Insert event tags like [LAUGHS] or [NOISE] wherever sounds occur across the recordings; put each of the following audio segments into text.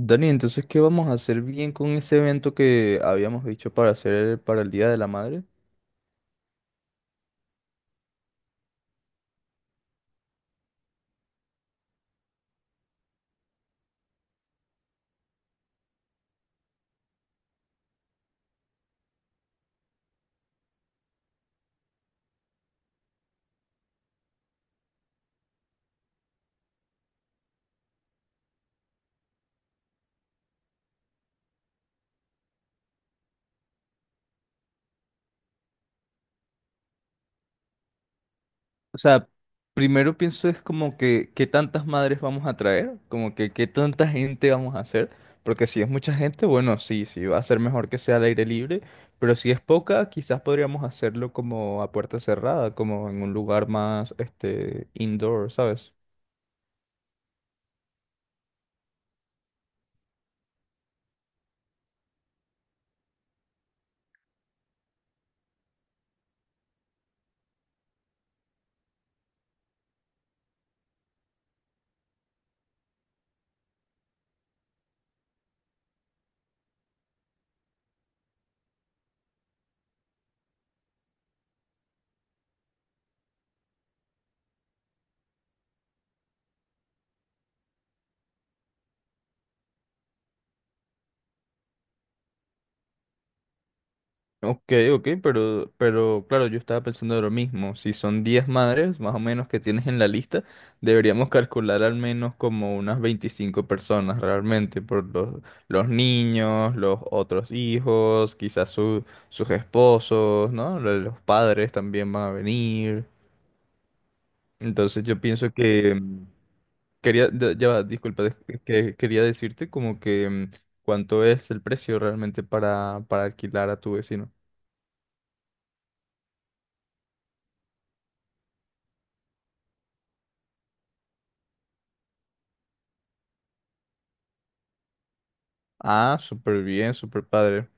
Dani, entonces, ¿qué vamos a hacer bien con ese evento que habíamos dicho para hacer para el Día de la Madre? O sea, primero pienso es como que qué tantas madres vamos a traer, como que qué tanta gente vamos a hacer, porque si es mucha gente, bueno, sí, sí, va a ser mejor que sea al aire libre, pero si es poca, quizás podríamos hacerlo como a puerta cerrada, como en un lugar más, este, indoor, ¿sabes? Ok, ok, pero claro, yo estaba pensando de lo mismo. Si son 10 madres, más o menos, que tienes en la lista, deberíamos calcular al menos como unas 25 personas realmente, por los niños, los otros hijos, quizás sus esposos, ¿no? Los padres también van a venir. Entonces yo pienso que, ya va, disculpa, que quería decirte como que cuánto es el precio realmente para alquilar a tu vecino. Ah, súper bien, súper padre.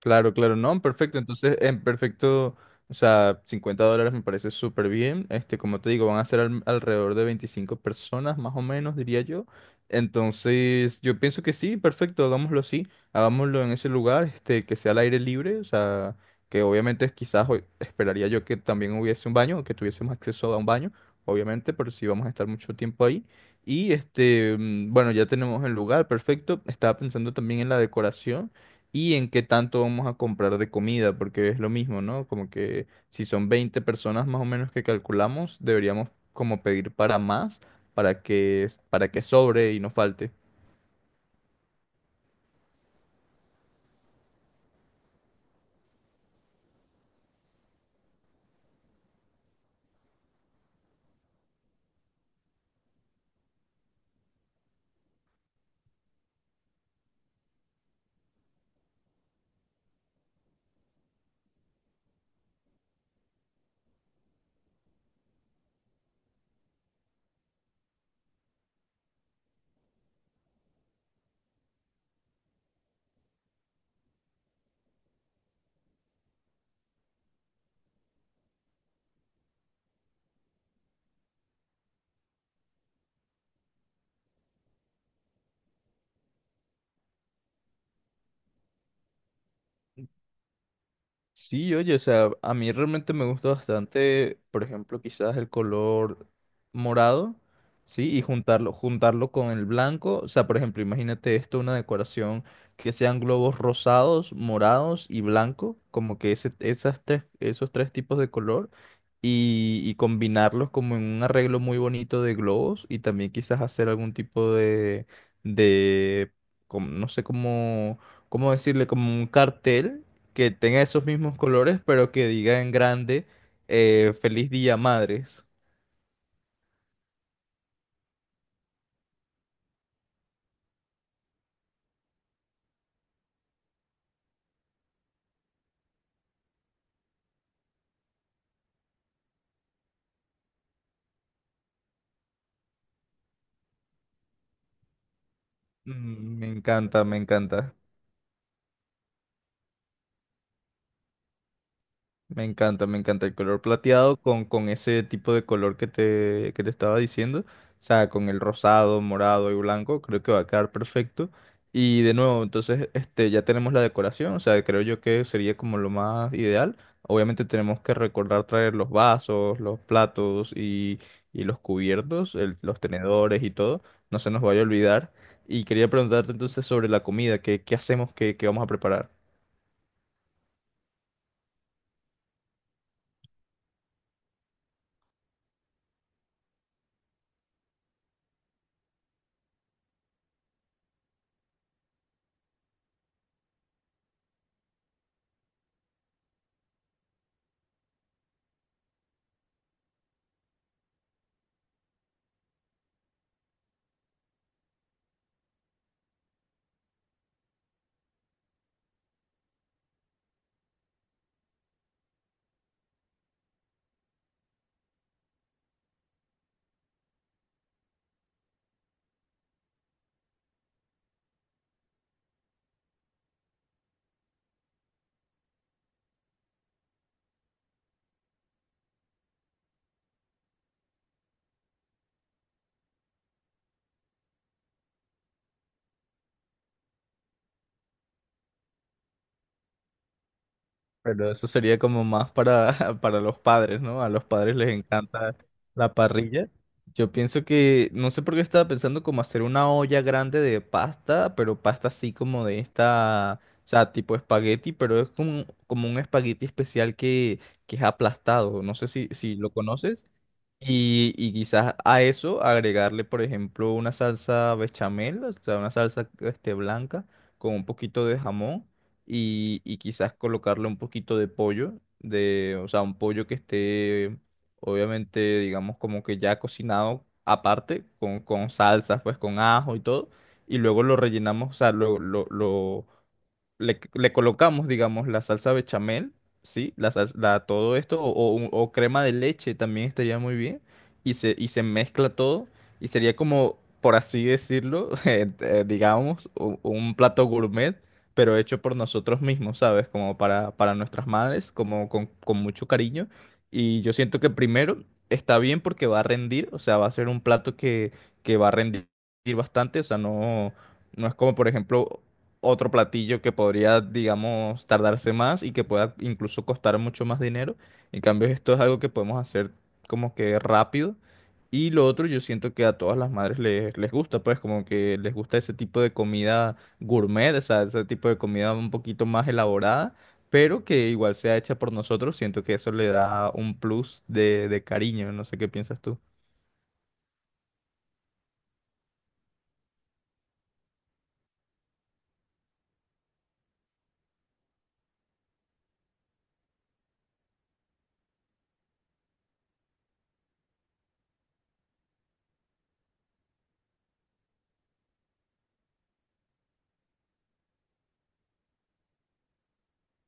Claro, claro, no, perfecto. Entonces, en perfecto, o sea, $50 me parece súper bien. Este, como te digo, van a ser alrededor de 25 personas, más o menos, diría yo. Entonces, yo pienso que sí, perfecto, hagámoslo así. Hagámoslo en ese lugar, este, que sea al aire libre, o sea, que obviamente quizás hoy esperaría yo que también hubiese un baño, que tuviésemos acceso a un baño, obviamente, pero sí vamos a estar mucho tiempo ahí. Y este, bueno, ya tenemos el lugar, perfecto. Estaba pensando también en la decoración y en qué tanto vamos a comprar de comida, porque es lo mismo, ¿no? Como que si son 20 personas más o menos que calculamos, deberíamos como pedir para más, para que sobre y no falte. Sí, oye, o sea, a mí realmente me gusta bastante, por ejemplo, quizás el color morado, ¿sí? Y juntarlo con el blanco. O sea, por ejemplo, imagínate esto, una decoración que sean globos rosados, morados y blanco, como que esos tres tipos de color, y combinarlos como en un arreglo muy bonito de globos y también quizás hacer algún tipo de no sé cómo decirle, como un cartel que tenga esos mismos colores, pero que diga en grande, feliz día, madres. Mm, me encanta, me encanta. Me encanta, me encanta el color plateado con ese tipo de color que te estaba diciendo. O sea, con el rosado, morado y blanco, creo que va a quedar perfecto. Y de nuevo, entonces, este, ya tenemos la decoración, o sea, creo yo que sería como lo más ideal. Obviamente tenemos que recordar traer los vasos, los platos y los cubiertos, los tenedores y todo. No se nos vaya a olvidar. Y quería preguntarte entonces sobre la comida, ¿qué hacemos, qué vamos a preparar? Pero eso sería como más para, [LAUGHS] para los padres, ¿no? A los padres les encanta la parrilla. Yo pienso que, no sé por qué estaba pensando como hacer una olla grande de pasta, pero pasta así como de esta, o sea, tipo espagueti, pero es como un espagueti especial que es aplastado. No sé si lo conoces. Y quizás a eso agregarle, por ejemplo, una salsa bechamel, o sea, una salsa este, blanca con un poquito de jamón y quizás colocarle un poquito de pollo, o sea, un pollo que esté, obviamente, digamos, como que ya cocinado aparte, con salsas, pues con ajo y todo, y luego lo rellenamos, o sea, le colocamos, digamos, la salsa bechamel, ¿sí? Todo esto, o crema de leche también estaría muy bien, y se mezcla todo, y sería como, por así decirlo, [LAUGHS] digamos, un plato gourmet, pero hecho por nosotros mismos, ¿sabes? Como para nuestras madres, como con mucho cariño, y yo siento que primero está bien porque va a rendir, o sea, va a ser un plato que va a rendir bastante, o sea, no. No es como, por ejemplo, otro platillo que podría, digamos, tardarse más y que pueda incluso costar mucho más dinero. En cambio, esto es algo que podemos hacer como que rápido. Y lo otro, yo siento que a todas las madres les gusta, pues como que les gusta ese tipo de comida gourmet, o sea, ese tipo de comida un poquito más elaborada, pero que igual sea hecha por nosotros. Siento que eso le da un plus de cariño, no sé qué piensas tú.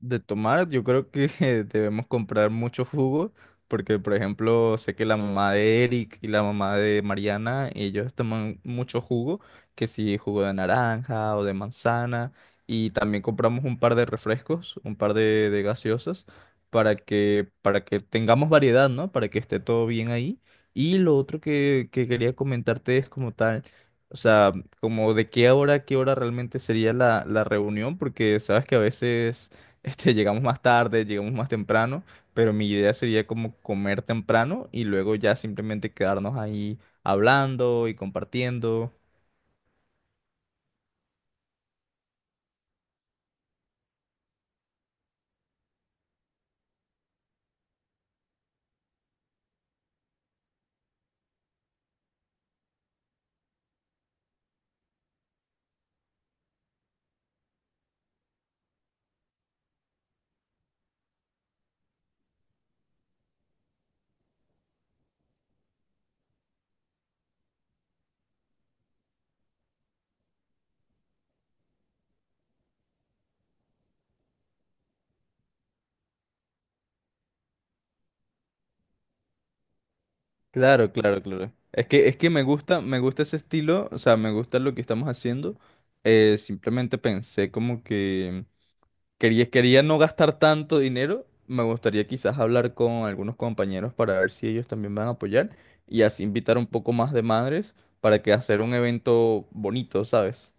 De tomar, yo creo que [LAUGHS] debemos comprar mucho jugo, porque por ejemplo, sé que la mamá de Eric y la mamá de Mariana, ellos toman mucho jugo, que si jugo de naranja o de manzana, y también compramos un par de refrescos, un par de gaseosas, para que tengamos variedad, ¿no? Para que esté todo bien ahí. Y lo otro que quería comentarte es como tal. O sea, como de qué hora, a qué hora realmente sería la reunión, porque sabes que a veces este, [LAUGHS] llegamos más tarde, llegamos más temprano, pero mi idea sería como comer temprano y luego ya simplemente quedarnos ahí hablando y compartiendo. Claro, claro, claro. Es que me gusta ese estilo, o sea, me gusta lo que estamos haciendo. Simplemente pensé como que quería no gastar tanto dinero. Me gustaría quizás hablar con algunos compañeros para ver si ellos también van a apoyar y así invitar un poco más de madres para que hacer un evento bonito, ¿sabes?